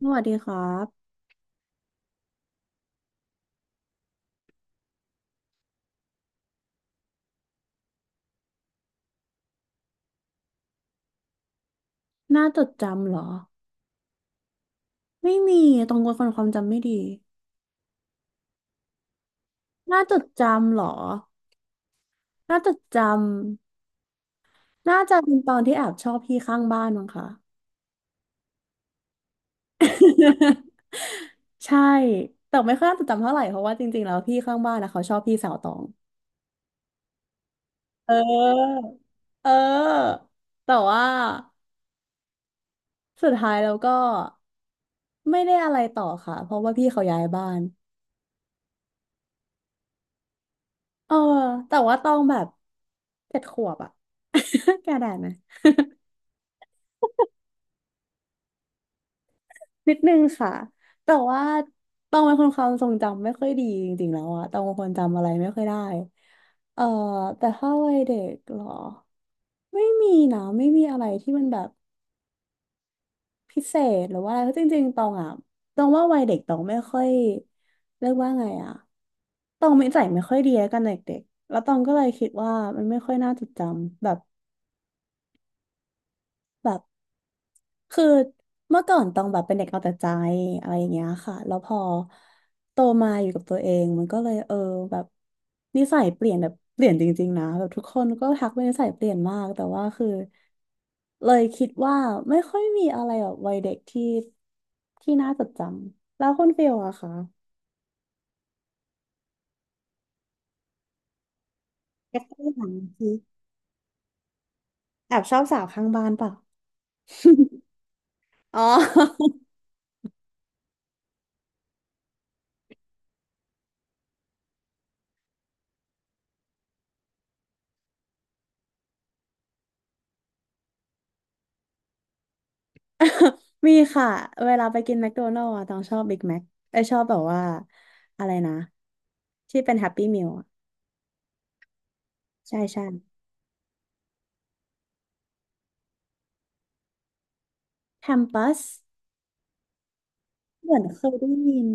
สวัสดีครับหน้าจดจำเหรอ ไม่มี ตรงคนความจำไม่ดีหน้าจดจำเหรอหน้าจดจำ น่าจะเป็นตอนที่แอบชอบพี่ข้างบ้านมั้งคะ ใช่ แต่ไม่ค่อยน่าจดจำเท่าไหร่เพราะว่าจริงๆแล้วพี่ข้างบ้านนะเขาชอบพี่สาวตอง เออ เออ แต่ว่าสุดท้ายแล้วก็ไม่ได้อะไรต่อค่ะ เพราะว่าพี่เขาย้ายบ้านเออแต่ว่าตองแบบ7 ขวบอะ แกได้ไหม นิดนึงค่ะแต่ว่าตองเป็นคนความทรงจำไม่ค่อยดีจริงๆแล้วอะตองเป็นคนจำอะไรไม่ค่อยได้เอ่อแต่ถ้าวัยเด็กเหรอไม่มีนะไม่มีอะไรที่มันแบบพิเศษหรือว่าอะไรเพราะจริงๆตองอะตองว่าวัยเด็กตองไม่ค่อยเรียกว่าไงอะตองนิสัยไม่ค่อยดีแล้วกันเด็กๆแล้วตองก็เลยคิดว่ามันไม่ค่อยน่าจดจำแบบ แบบคือเมื่อก่อนต้องแบบเป็นเด็กเอาแต่ใจอะไรอย่างเงี้ยค่ะแล้วพอโตมาอยู่กับตัวเองมันก็เลยเออแบบนิสัยเปลี่ยนแบบเปลี่ยนจริงๆนะแบบทุกคนก็ทักว่านิสัยเปลี่ยนมากแต่ว่าคือเลยคิดว่าไม่ค่อยมีอะไรแบบวัยเด็กที่ที่น่าจดจำแล้วคุณฟิลอะคะแค่ตัวอย่างสิแอบชอบสาวข้างบ้านเปล่ะ อ๋อ มีค่ะเวลาไปกินแมคโดนัลด์อะต้องชอบบิ๊กแม็กไอยชอบแบบว่าอะไรนะที่เป็นแฮปปี้มิลใช่ใช่แฮมปัสเหมือนเคยได้ยิน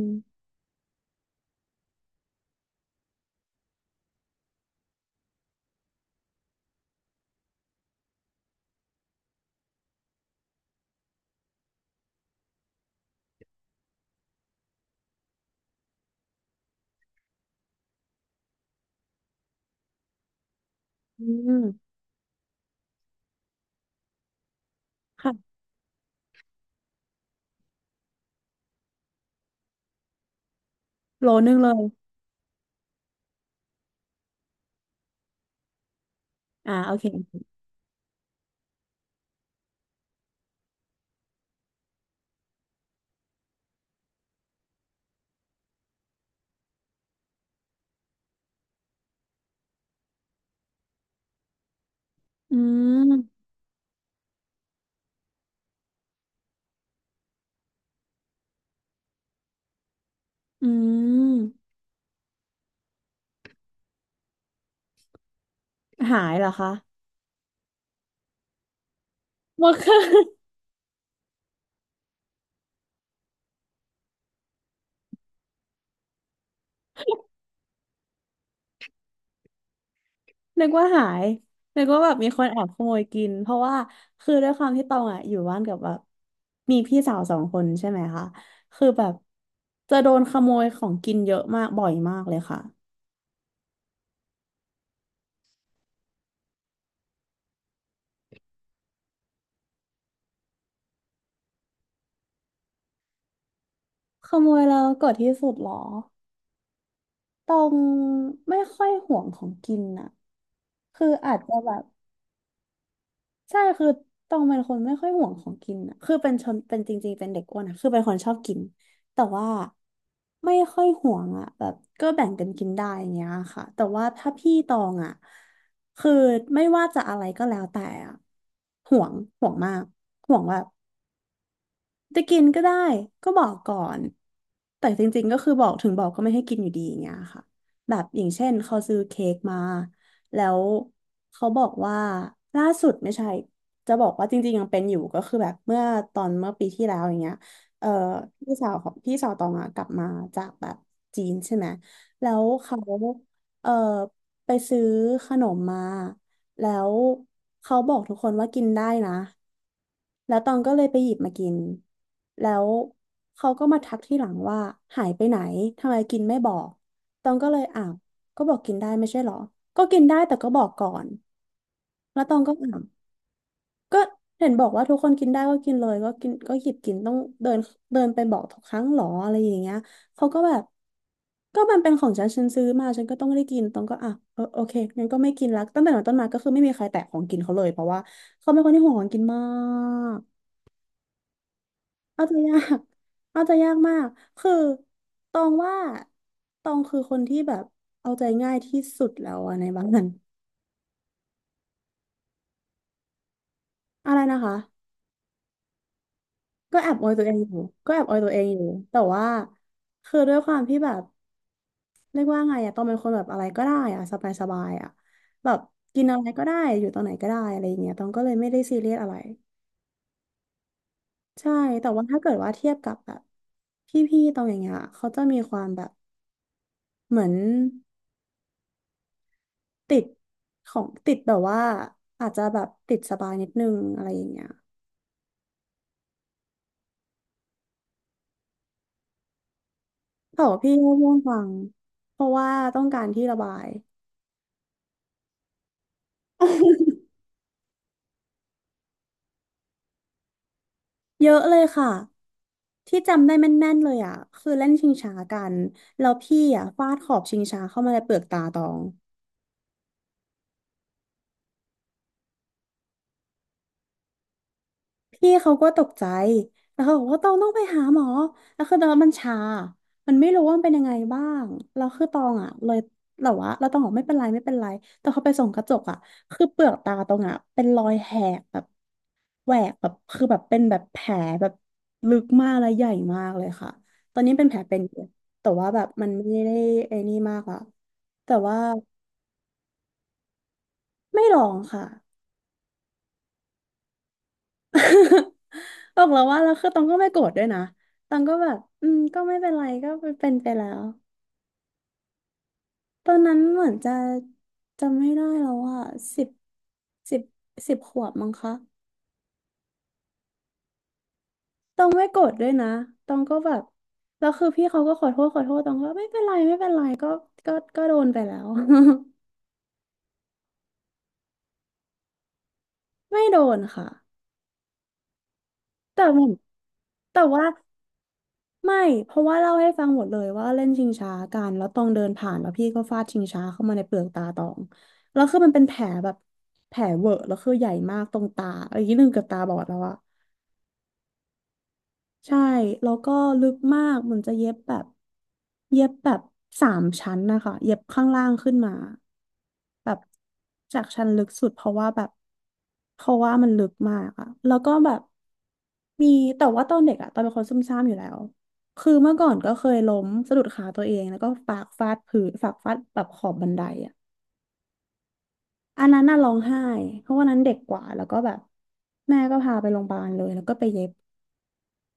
อืมค่ะโลนึงเลยอ่าโอเคอืมอืมหายเหรอคะหมดค่ะ นึกว่าหายนึกว่าแบบมีคนแอบขโมยกินเพราะว่าคือด้วยความที่ตองอ่ะอยู่บ้านกับแบบมีพี่สาว2 คนใช่ไหมคะคือแบบจะโดนขโมยของกินเยอะมากบ่อยมากเลยค่ะขโมยแล้วโกดที่สุดเหรอตองไม่ค่อยห่วงของกินน่ะคืออาจจะแบบ ใช่คือต้องเป็นคนไม่ค่อยห่วงของกินอะคือเป็นชนเป็นจริงๆเป็นเด็กอ้วนอะคือเป็นคนชอบกินแต่ว่าไม่ค่อยห่วงอะแบบก็แบ่งกันกินได้อย่างเงี้ยค่ะแต่ว่าถ้าพี่ตองอะคือไม่ว่าจะอะไรก็แล้วแต่อะห่วงห่วงมากห่วงแบบ จะกินก็ได้ก็บอกก่อนแต่จริงๆก็คือบอกถึงบอกก็ไม่ให้กินอยู่ดีอย่างเงี้ยค่ะแบบอย่างเช่นเขาซื้อเค้กมาแล้วเขาบอกว่าล่าสุดไม่ใช่จะบอกว่าจริงๆยังเป็นอยู่ก็คือแบบเมื่อตอนเมื่อปีที่แล้วอย่างเงี้ยเอ่อพี่สาวของพี่สาวตองอะกลับมาจากแบบจีนใช่ไหมแล้วเขาเอ่อไปซื้อขนมมาแล้วเขาบอกทุกคนว่ากินได้นะ แล้วตองก็เลยไปหยิบมากิน แล้วเขาก็มาทักที่หลังว่าหายไปไหน ทำไมกินไม่บอก ตองก็เลยอ้าวก็บอกกินได้ไม่ใช่เหรอ ก็กินได้แต่ก็บอกก่อนแล้วตองก็อ้าวก็เห็นบอกว่าทุกคนกินได้ก็กินเลยก็กินก็หยิบกินต้องเดินเดินไปบอกทุกครั้งเหรออะไรอย่างเงี้ยเขาก็แบบก็มันเป็นของฉันฉันซื้อมาฉันก็ต้องได้กิน ตองก็อ่ะเออโอเคงั้นก็ไม่กินละตั้งแต่นั้นต้นมาก็คือไม่มีใครแตะของกินเขาเลยเพราะว่าเขาเป็นคนที่ห่วงของกินมาก เอาใจะยาก เอาใจะยากมาก คือตองว่าตองคือคนที่แบบเอาใจง่ายที่สุดแล้วอะในบ้าน อะไรนะคะก็แอบออยตัวเองอยู่ก็แอบออยตัวเองอยู่แต่ว่าคือด้วยความที่แบบเรียกว่าไงอะตองเป็นคนแบบอะไรก็ได้อะสบายสบายอะแบบกินอะไรก็ได้อยู่ตรงไหนก็ได้อะไรอย่างเงี้ยตองก็เลยไม่ได้ซีเรียสอะไรใช่แต่ว่าถ้าเกิดว่าเทียบกับแบบพี่ๆตองอย่างเงี้ยเขาจะมีความแบบเหมือน ติดของติดแบบว่าอาจจะแบบติดสบายนิดนึงอะไรอย่างเงี้ยแต่ว่าพี่ก็ง่วงฟังเพราะว่าต้องการที่ระบายเยอะเลยค่ะที่จำได้แม่นๆเลยอ่ะคือเล่นชิงช้ากันแล้วพี่อ่ะฟาดขอบชิงช้าเข้ามาในเปลือกตาตอง พี่เขาก็ตกใจ แล้วเขาบอกว่าตองต้องไปหาหมอแล้วคือตอนมันชามันไม่รู้ว่ามันเป็นยังไงบ้างแล้วคือตองอ่ะเลยแต่ว่าเราตองบอกไม่เป็นไรไม่เป็นไรแต่เขาไปส่องกระจกอ่ะคือเปลือกตาตองอ่ะเป็นรอยแหกแบบแหวกแบบคือแบบเป็นแบบแผลแบบลึกมากและใหญ่มากเลยค่ะ ตอนนี้เป็นแผลเป็นอยู่แต่ว่าแบบมันไม่ได้ไอ้นี่มากอ่ะแต่ว่าไม่ร้องค่ะ บอกแล้วว่าแล้วคือตองก็ไม่โกรธด้วยนะตองก็แบบอืมก็ไม่เป็นไรก็เป็นไปแล้วตอนนั้นเหมือนจะจำไม่ได้แล้วอ่ะสิบสิบสิบขวบมั้งคะตองไม่โกรธด้วยนะตองก็แบบแล้วคือพี่เขาก็ขอโทษขอโทษตองก็ไม่เป็นไรไม่เป็นไรก็โดนไปแล้ว ไม่โดนค่ะแต่เหมือนแต่ว่า ไม่ เพราะว่าเล่าให้ฟังหมดเลยว่าเล่นชิงช้ากันแล้วตองเดินผ่านแล้วพี่ก็ฟาดชิงช้าเข้ามาในเปลือกตาตองแล้วคือมันเป็นแผลแบบแผลเวอะแล้วคือใหญ่มากตรงตาอะไรอย่างนี้หนึ่งเกับตาบอดแล้วอะใช่แล้วก็ลึกมากเหมันจะเย็บแบบ เย็บแบบ3 ชั้นนะคะเย็บข้างล่างขึ้นมาแบบจากชั้นลึกสุดเพราะว่าแบบเพราะว่ามันลึกมากอะแล้วก็แบบมีแต่ว่าตอนเด็กอะตอนเป็นคนซุ่มซ่ามอยู่แล้วคือเมื่อก่อนก็เคยล้มสะดุดขาตัวเองแล้วก็ปากฟาดพื้นปากฟาดแบบขอบบันไดอะอันนั้นน่ะร้องไห้เพราะวันนั้นเด็กกว่าแล้วก็แบบแม่ก็พาไปโรงพยาบาลเลยแล้วก็ไปเย็บ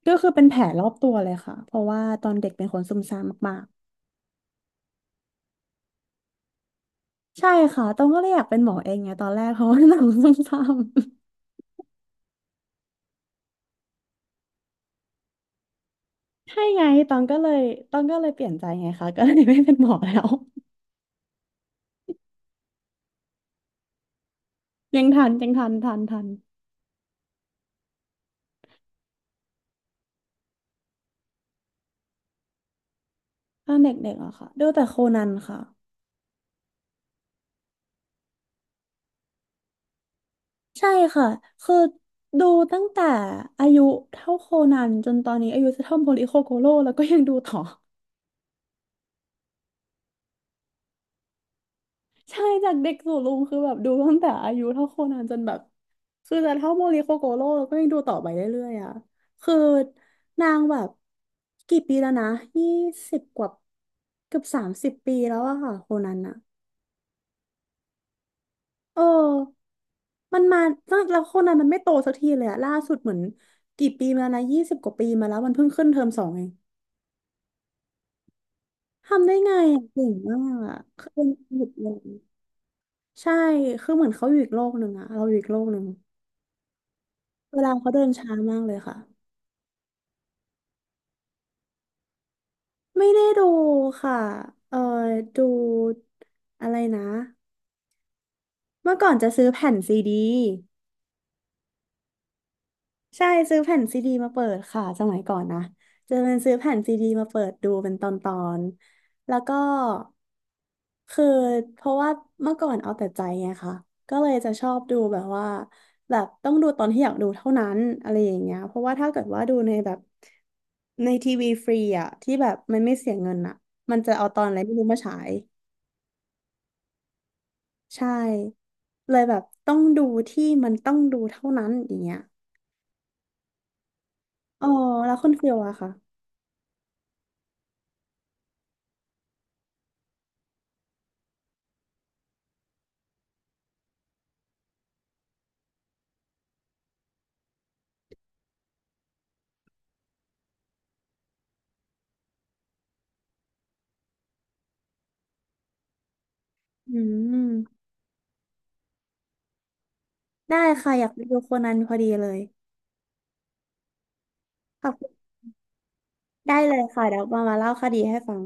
ก็คือเป็นแผลรอบตัวเลยค่ะเพราะว่าตอนเด็กเป็นคนซุ่มซ่ามมาก ใช่ค่ะตองก็เลยอยากเป็นหมอเองไงตอนแรกเพราะว่าหนังส้ซ้ำๆใช่ไงตองก็เลยตองก็เลยเปลี่ยนใจไงคะก็เลยไม่เป็นหมอแล้วยังทันยังทันทันทันตอนเด็กๆอะค่ะดูแต่โคนันค่ะใช่ค่ะคือดูตั้งแต่อายุเท่าโคนันจนตอนนี้อายุจะเท่าโมริโคโกโร่แล้วก็ยังดูต่อ ใช่จากเด็กสู่ลุงคือแบบดูตั้งแต่อายุเท่าโคนันจนแบบคือจะเท่าโมริโคโกโร่แล้วก็ยังดูต่อไปเรื่อยๆอ่ะคือนางแบบกี่ปีแล้วนะยี่สิบกว่าเกือบ30 ปีแล้วอะค่ะโคนันอะเออมันมาตั้งแล้วโคนันมันไม่โตสักทีเลยอะล่าสุดเหมือนกี่ปีมาแล้วนะ20 กว่าปีมาแล้วมันเพิ่งขึ้นเทอมสองเองทำได้ไงอะเก่งมากอะคือเป็นหยุดเลยใช่คือเหมือนเขาอยู่อีกโลกหนึ่งอะเราอยู่อีกโลกหนึ่ง เวลาเขาเดินช้ามากเลยค่ะไม่ได้ดูค่ะเออดูอะไรนะเมื่อก่อนจะซื้อแผ่นซีดี ใช่ซื้อแผ่นซีดีมาเปิดค่ะสมัยก่อนนะจะเป็นซื้อแผ่นซีดีมาเปิดดูเป็นตอนตอนแล้วก็คือเพราะว่าเมื่อก่อนเอาแต่ใจไงคะก็เลยจะชอบดูแบบว่าแบบต้องดูตอนที่อยากดูเท่านั้นอะไรอย่างเงี้ยเพราะว่าถ้าเกิดว่าดูในแบบในทีวีฟรีอะที่แบบมันไม่เสียเงินอะมันจะเอาตอนอะไรไม่รู้มาฉายใช่เลยแบบต้องดูที่มันต้องดูเท่านั้นอย่างเงี้ยอ๋อแล้วคุณฟิลอะค่ะอืม ได้ค่ะอยากไปดูโคนันพอดีเลยขอบคุณได้เลยค่ะเดี๋ยวมามาเล่าคดีให้ฟัง